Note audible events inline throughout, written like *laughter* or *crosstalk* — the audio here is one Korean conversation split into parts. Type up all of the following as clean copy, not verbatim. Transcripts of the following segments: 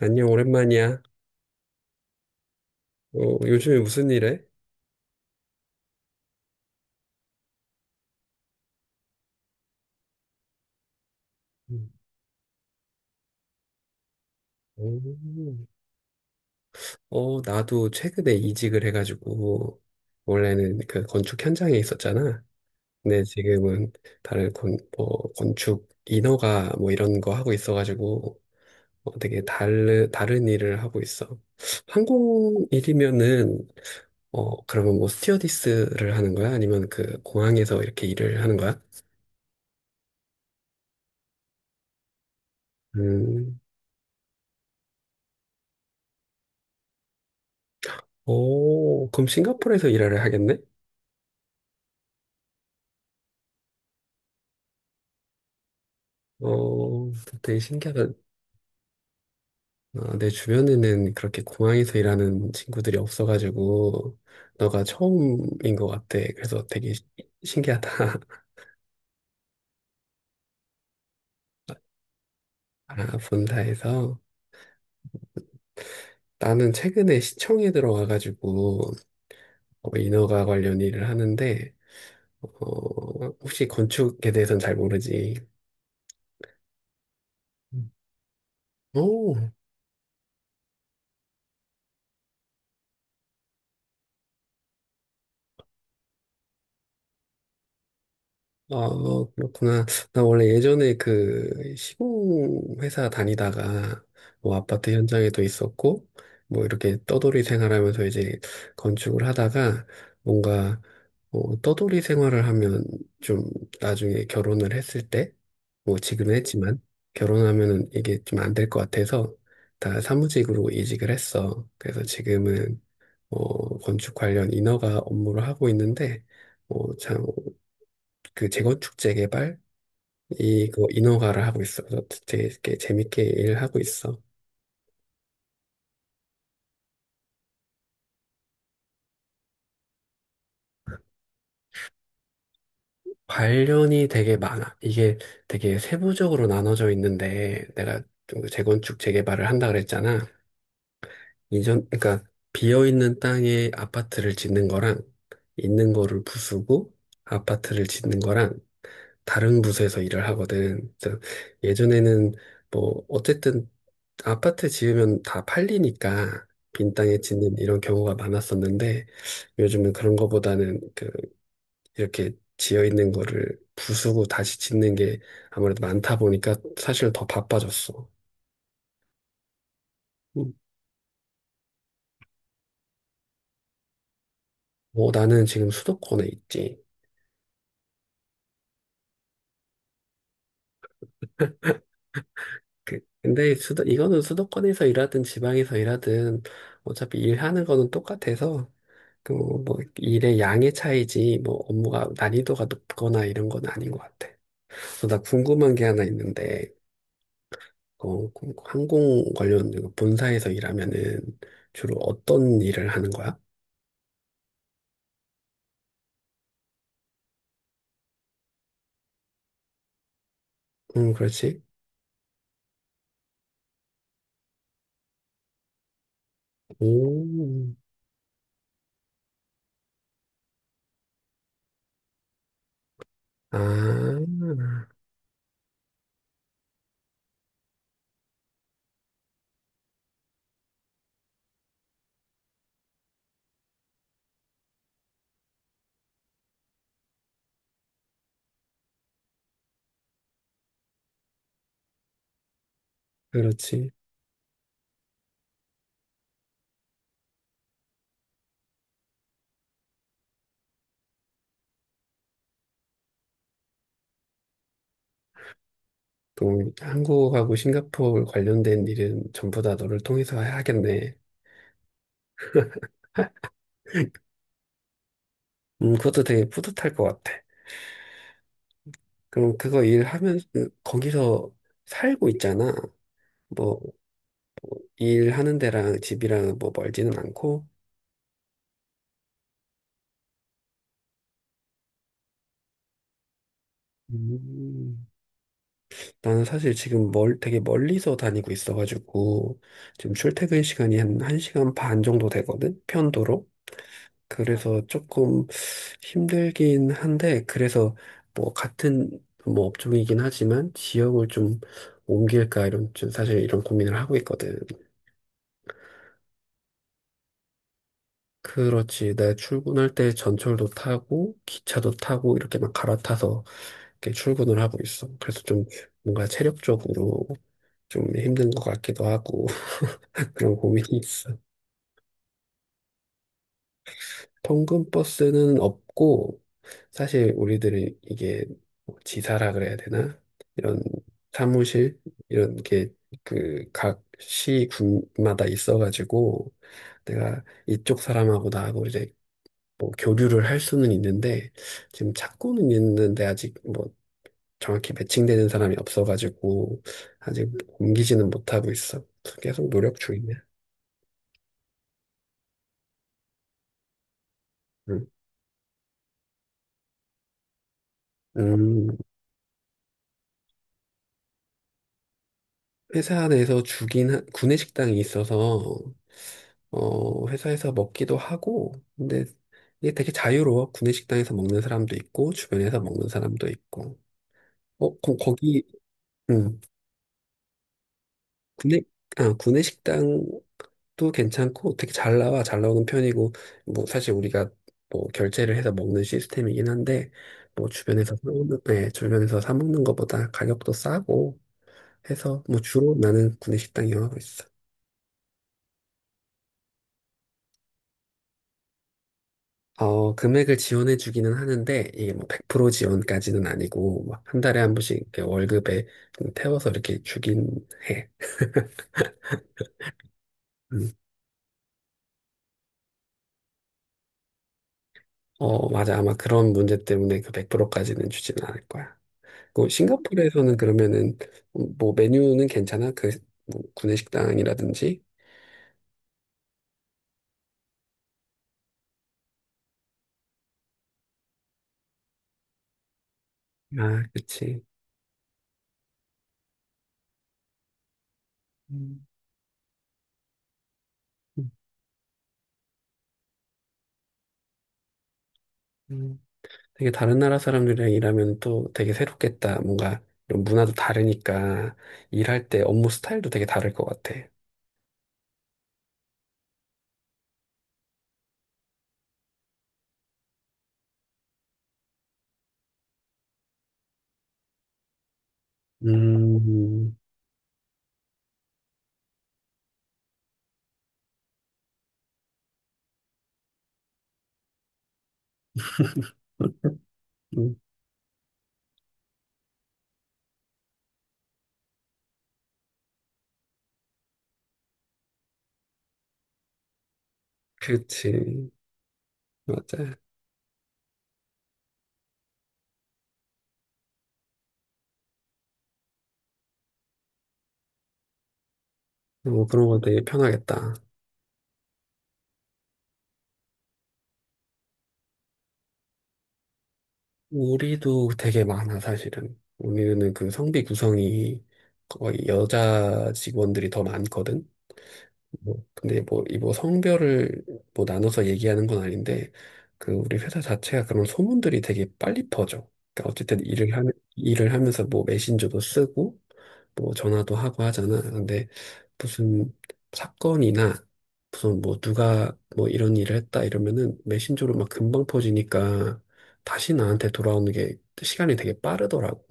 안녕, 오랜만이야. 어, 요즘에 무슨 일 해? 음. 오. 어, 나도 최근에 이직을 해가지고, 원래는 그 건축 현장에 있었잖아. 근데 지금은 다른 건, 뭐, 건축 인허가 뭐 이런 거 하고 있어가지고, 어, 되게 다른 일을 하고 있어. 항공 일이면은, 어, 그러면 뭐 스튜어디스를 하는 거야? 아니면 그 공항에서 이렇게 일을 하는 거야? 음, 오, 그럼 싱가포르에서 일을 하겠네? 어, 되게 신기하다. 어, 내 주변에는 그렇게 공항에서 일하는 친구들이 없어가지고, 너가 처음인 것 같아. 신기하다. *laughs* 아, 본사에서. 나는 최근에 시청에 들어와가지고, 어, 인허가 관련 일을 하는데, 어, 혹시 건축에 대해서는 잘 모르지? 음. 오. 아, 그렇구나. 나 원래 예전에 그 시공 회사 다니다가 뭐 아파트 현장에도 있었고 뭐 이렇게 떠돌이 생활하면서 이제 건축을 하다가 뭔가 어, 떠돌이 생활을 하면 좀 나중에 결혼을 했을 때 뭐 지금 했지만 결혼하면은 이게 좀 안 될 것 같아서 다 사무직으로 이직을 했어. 그래서 지금은 어, 건축 관련 인허가 업무를 하고 있는데 어, 참 그 재건축 재개발 이거 인허가를 하고 있어. 그래서 되게, 이렇게 재밌게 일을 하고 있어. 관련이 되게 많아. 이게 되게 세부적으로 나눠져 있는데 내가 좀그 재건축 재개발을 한다 그랬잖아. 이전 그러니까 비어 있는 땅에 아파트를 짓는 거랑 있는 거를 부수고 아파트를 짓는 거랑 다른 부서에서 일을 하거든. 그래서 예전에는 뭐 어쨌든 아파트 지으면 다 팔리니까 빈 땅에 짓는 이런 경우가 많았었는데 요즘은 그런 거보다는 그 이렇게 지어 있는 거를 부수고 다시 짓는 게 아무래도 많다 보니까 사실 더 바빠졌어. 음, 뭐 나는 지금 수도권에 있지. 근데 수도 이거는 수도권에서 일하든 지방에서 일하든 어차피 일하는 거는 똑같아서 그뭐 일의 양의 차이지 뭐 업무가 난이도가 높거나 이런 건 아닌 것 같아. 그래서 나 궁금한 게 하나 있는데 어, 그럼 항공 관련 그 본사에서 일하면은 주로 어떤 일을 하는 거야? 그렇지. 오, 아, 그렇지. 그럼 한국하고 싱가포르 관련된 일은 전부 다 너를 통해서 해야겠네. 그것도 되게 뿌듯할 것 같아. 그럼 그거 일하면, 거기서 살고 있잖아. 뭐, 일하는 데랑 집이랑 뭐 멀지는 않고. 음. 나는 사실 지금 되게 멀리서 다니고 있어가지고, 지금 출퇴근 시간이 한 1시간 반 정도 되거든? 편도로. 그래서 조금 힘들긴 한데, 그래서 뭐 같은 뭐 업종이긴 하지만, 지역을 좀 옮길까, 이런, 좀 사실 이런 고민을 하고 있거든. 그렇지. 나 출근할 때 전철도 타고, 기차도 타고, 이렇게 막 갈아타서 이렇게 출근을 하고 있어. 그래서 좀 뭔가 체력적으로 좀 힘든 것 같기도 하고, 그런 고민이 있어. 통근버스는 없고, 사실 우리들은 이게 뭐 지사라 그래야 되나? 이런 사무실, 이런 게 그 각 시군마다 있어가지고, 내가 이쪽 사람하고 나하고 이제 뭐 교류를 할 수는 있는데, 지금 찾고는 있는데 아직 뭐 정확히 매칭되는 사람이 없어가지고, 아직 옮기지는 못하고 있어. 계속 노력 중이야. 응. 음. 회사 내에서 주긴 한- 구내식당이 있어서 어 회사에서 먹기도 하고 근데 이게 되게 자유로워 구내식당에서 먹는 사람도 있고 주변에서 먹는 사람도 있고 어 거기 음 구내 아 구내식당도 괜찮고 되게 잘 나오는 편이고 뭐 사실 우리가 뭐 결제를 해서 먹는 시스템이긴 한데 뭐 주변에서 사 먹는 네, 주변에서 사 먹는 것보다 가격도 싸고 해서 뭐 주로 나는 구내식당 이용하고 있어. 어, 금액을 지원해 주기는 하는데, 이게 뭐 100% 지원까지는 아니고, 막 한 달에 한 번씩 이렇게 월급에 좀 태워서 이렇게 주긴 해. 음. 어, 맞아. 아마 그런 문제 때문에 그 100%까지는 주지는 않을 거야. 그 싱가포르에서는 그러면은, 뭐 메뉴는 괜찮아? 그, 뭐 구내식당이라든지? 아, 그치. 음, 음, 음. 되게 다른 나라 사람들이랑 일하면 또 되게 새롭겠다. 뭔가 이런 문화도 다르니까, 일할 때 업무 스타일도 되게 다를 것 같아. 음, 음, 그치. 맞아. 뭐 그런 거 되게 편하겠다. 우리도 되게 많아, 사실은. 우리는 그 성비 구성이 거의 여자 직원들이 더 많거든. 뭐, 근데 뭐, 이 뭐 성별을 뭐 나눠서 얘기하는 건 아닌데, 그 우리 회사 자체가 그런 소문들이 되게 빨리 퍼져. 그러니까 어쨌든 일을 하면서 뭐 메신저도 쓰고, 뭐 전화도 하고 하잖아. 근데 무슨 사건이나 무슨 뭐 누가 뭐 이런 일을 했다 이러면은 메신저로 막 금방 퍼지니까 다시 나한테 돌아오는 게 시간이 되게 빠르더라고.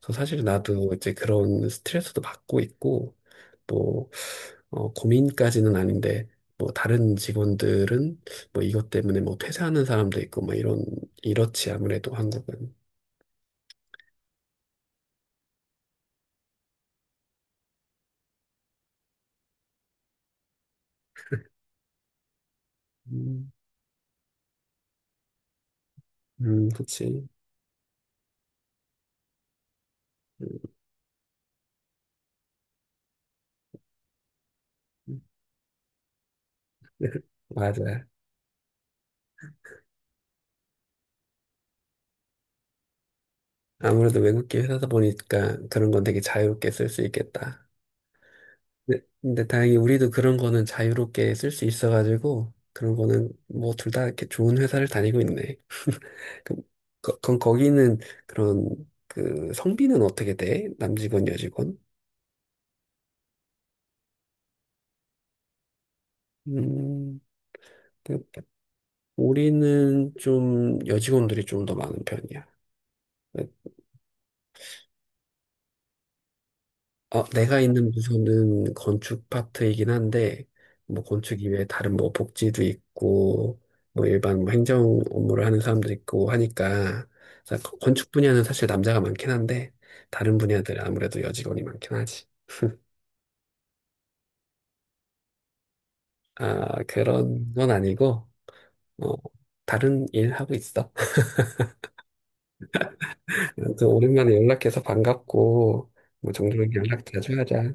그래서 사실 나도 이제 그런 스트레스도 받고 있고, 뭐, 어, 고민까지는 아닌데, 뭐, 다른 직원들은 뭐 이것 때문에 뭐 퇴사하는 사람도 있고, 뭐 이런, 이렇지, 아무래도 한국은. 음, 그치. 음, *laughs* 맞아. 아무래도 외국계 회사다 보니까 그런 건 되게 자유롭게 쓸 수 있겠다. 근데 다행히 우리도 그런 거는 자유롭게 쓸 수 있어가지고 그런 거는 뭐 둘 다 이렇게 좋은 회사를 다니고 있네. *laughs* 그, 거, 건 거기는 그런 그 성비는 어떻게 돼? 남직원, 여직원? 음, 그- 우리는 좀 여직원들이 좀 더 많은 편이야. 어, 내가 있는 부서는 건축 파트이긴 한데, 뭐 건축 이외에 다른 뭐 복지도 있고, 뭐 일반 뭐 행정 업무를 하는 사람도 있고 하니까, 그래서 건축 분야는 사실 남자가 많긴 한데, 다른 분야들은 아무래도 여직원이 많긴 하지. 아, 그런 건 아니고, 어, 다른 일 하고 있어. *laughs* 아무튼 오랜만에 연락해서 반갑고, 뭐 종종 연락 자주 하자.